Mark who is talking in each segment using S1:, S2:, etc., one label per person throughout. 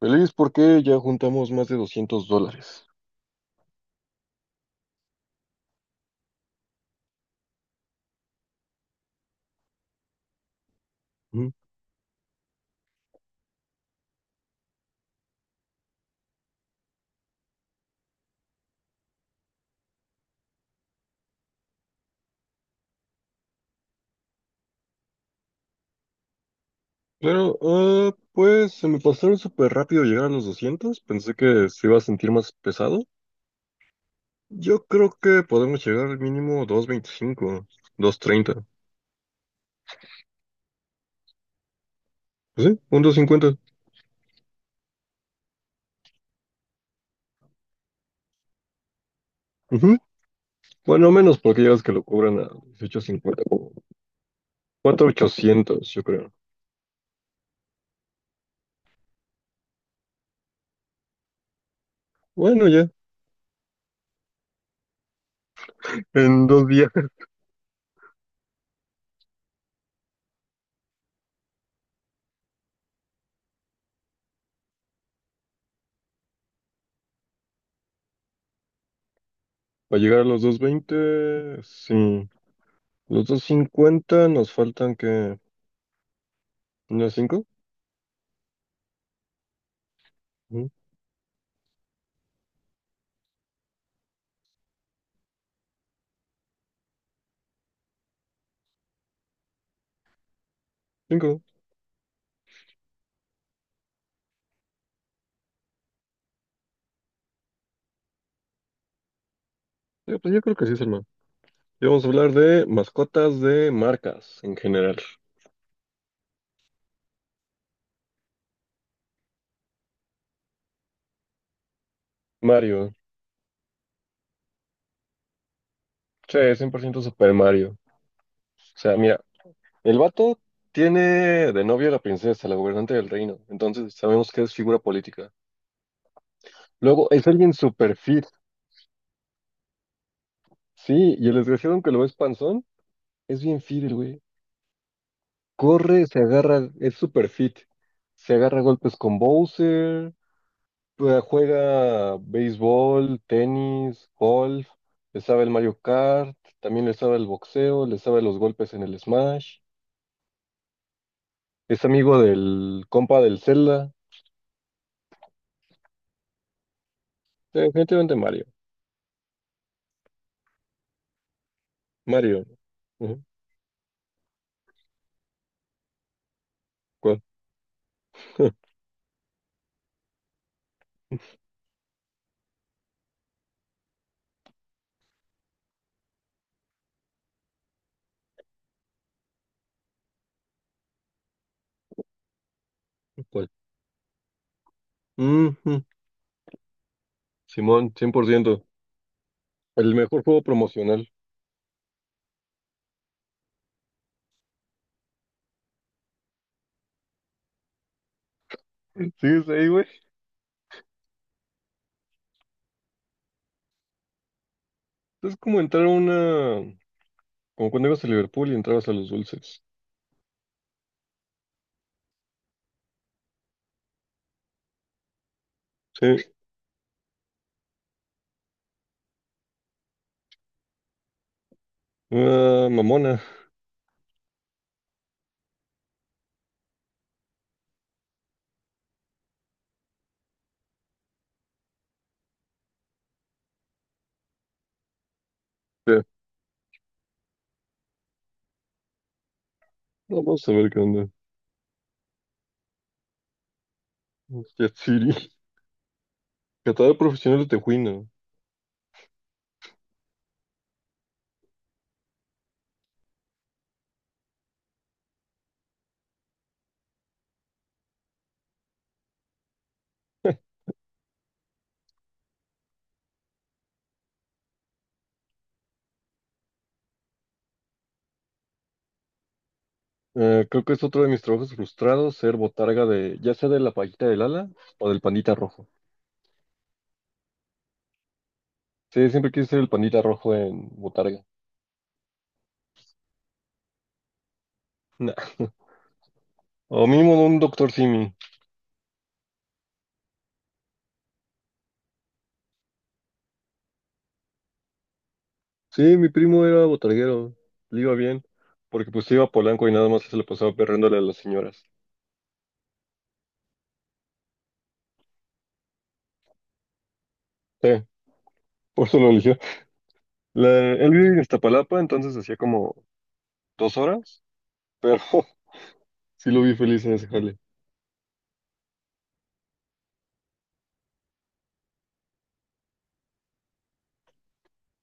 S1: Feliz porque ya juntamos más de 200 dólares. Ujú. Pero, pues se me pasaron súper rápido llegar a los 200. Pensé que se iba a sentir más pesado. Yo creo que podemos llegar al mínimo 225, 230. Pues sí, un 250. Ujú. Bueno, menos porque ya ves que lo cobran a 18.50. 800 yo creo. Bueno, ya, en 2 días. Para llegar a los 220. Sí. Los 250 nos faltan que... ¿Unas cinco? 5. Pues yo creo que sí, Salma. Y vamos a hablar de mascotas de marcas en general. Mario. Sí, 100% Super Mario. O sea, mira, el vato tiene de novio a la princesa, la gobernante del reino. Entonces sabemos que es figura política. Luego, es alguien super fit. Sí, y el desgraciado, aunque lo ves panzón, es bien fit el güey. Corre, se agarra, es super fit. Se agarra a golpes con Bowser. Juega béisbol, tenis, golf, le sabe el Mario Kart, también le sabe el boxeo, le sabe los golpes en el Smash, es amigo del compa del Zelda. Sí, definitivamente Mario, Mario. Ujú. ¿Cuál? ¿Cuál? Ujú. Simón, 100%. El mejor juego promocional. Sí, es ahí, güey. Es como entrar a una, como cuando ibas a Liverpool y entrabas a los dulces. Sí, una mamona. Sí. Vamos a ver qué onda. Jet City. Catador profesional de tejuino. Creo que es otro de mis trabajos frustrados, ser botarga de, ya sea de la pajita del ala o del pandita rojo. Sí, siempre quise ser el pandita rojo en botarga. Nah. O mínimo de un doctor Simi. Sí, mi primo era botarguero, le iba bien, porque pues iba a Polanco y nada más se le pasaba perréndole a las señoras. Sí, por eso lo eligió. Él vive en Iztapalapa, entonces hacía como 2 horas, pero sí lo vi feliz en ese jale.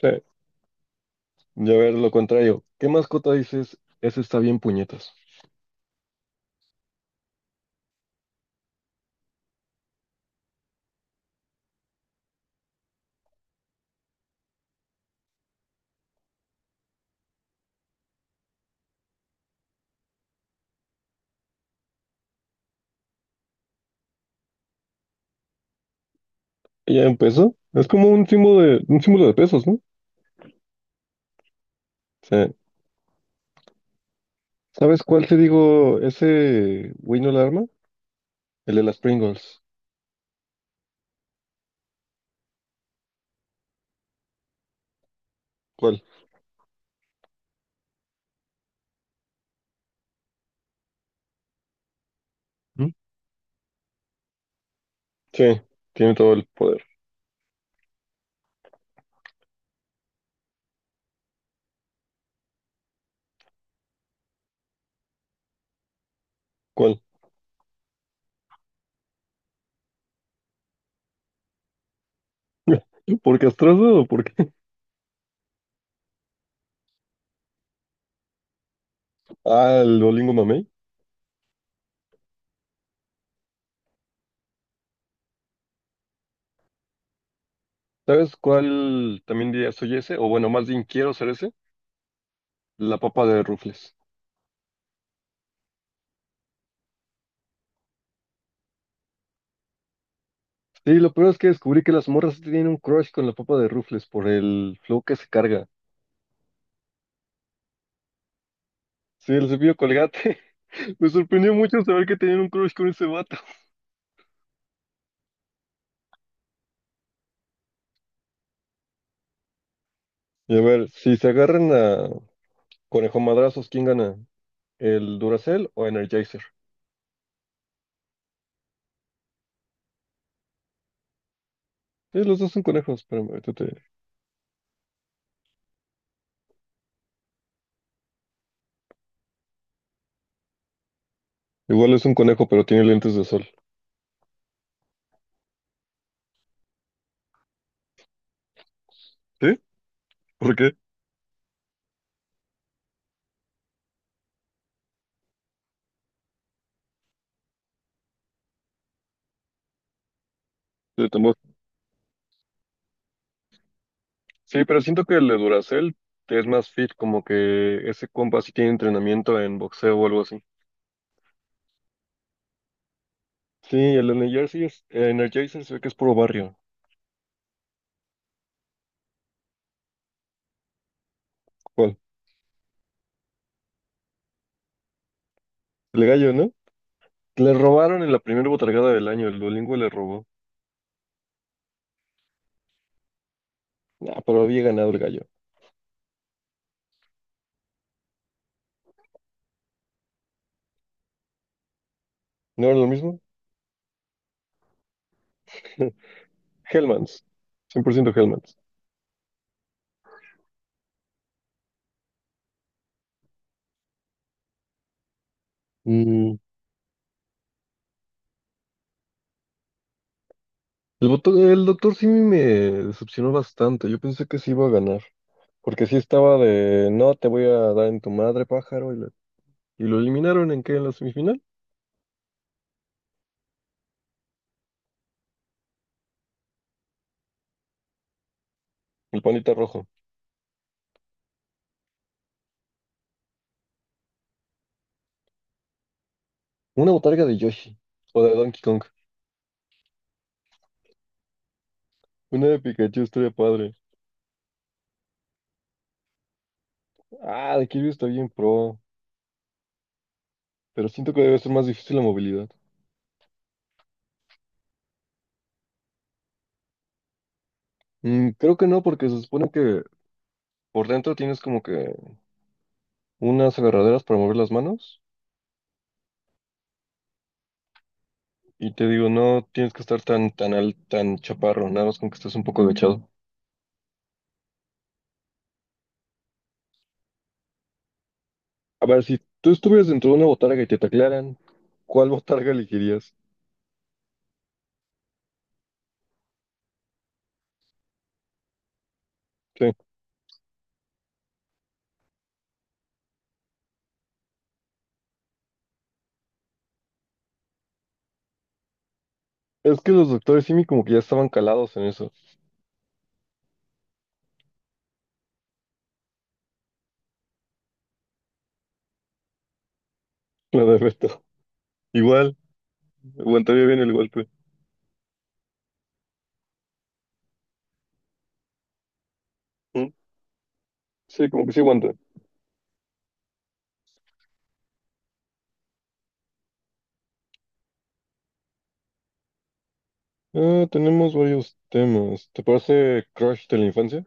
S1: Sí. Y a ver, lo contrario, ¿qué mascota dices? Ese está bien puñetas. Ya empezó. Es como un símbolo de pesos, ¿no? Sí. ¿Sabes cuál te digo? Ese güey no la arma. El de las Pringles. ¿Cuál? ¿Mm? Sí, tiene todo el poder. ¿Cuál? ¿Por castrado o por qué? Ah, el Duolingo Mamey. ¿Sabes cuál también diría soy ese? O bueno, más bien quiero ser ese. La papa de Rufles. Sí, lo peor es que descubrí que las morras sí tienen un crush con la papa de Rufles por el flow que se carga. Sí, el cepillo Colgate. Me sorprendió mucho saber que tenían un crush con ese vato. Y a ver, si se agarran a conejo madrazos, ¿quién gana? ¿El Duracell o Energizer? Sí, los dos son conejos, pero ahorita te- Igual es un conejo, pero tiene lentes de sol. ¿Sí? ¿Por qué? De tambor. Sí, pero siento que el de Duracell es más fit, como que ese compa sí tiene entrenamiento en boxeo o algo así. Sí, el Energizer, Energizer se ve que es puro barrio. ¿Cuál? El gallo, ¿no? Le robaron en la primera botargada del año, el Duolingo le robó. Ah, pero había ganado el gallo. ¿No era lo mismo? Hellmans, 100% Hellmans. Mm, el doctor Simi me decepcionó bastante. Yo pensé que sí iba a ganar. Porque sí estaba de, no, te voy a dar en tu madre, pájaro. Y lo eliminaron en qué, en la semifinal. El panita rojo. Una botarga de Yoshi. O de Donkey Kong. Una de Pikachu estaría padre. Ah, de Kirby está bien pro. Pero siento que debe ser más difícil la movilidad. Creo que no, porque se supone que por dentro tienes como que unas agarraderas para mover las manos. Y te digo, no tienes que estar tan chaparro, nada más con que estés un poco agachado. A ver, si tú estuvieras dentro de una botarga y te taclearan, ¿cuál botarga elegirías? Sí. Es que los doctores Simi como que ya estaban calados en eso. La de Beto. Igual, aguantaría bien el golpe. ¿Mm? Sí, como que sí aguanta. Ah, tenemos varios temas. ¿Te parece Crush de la infancia?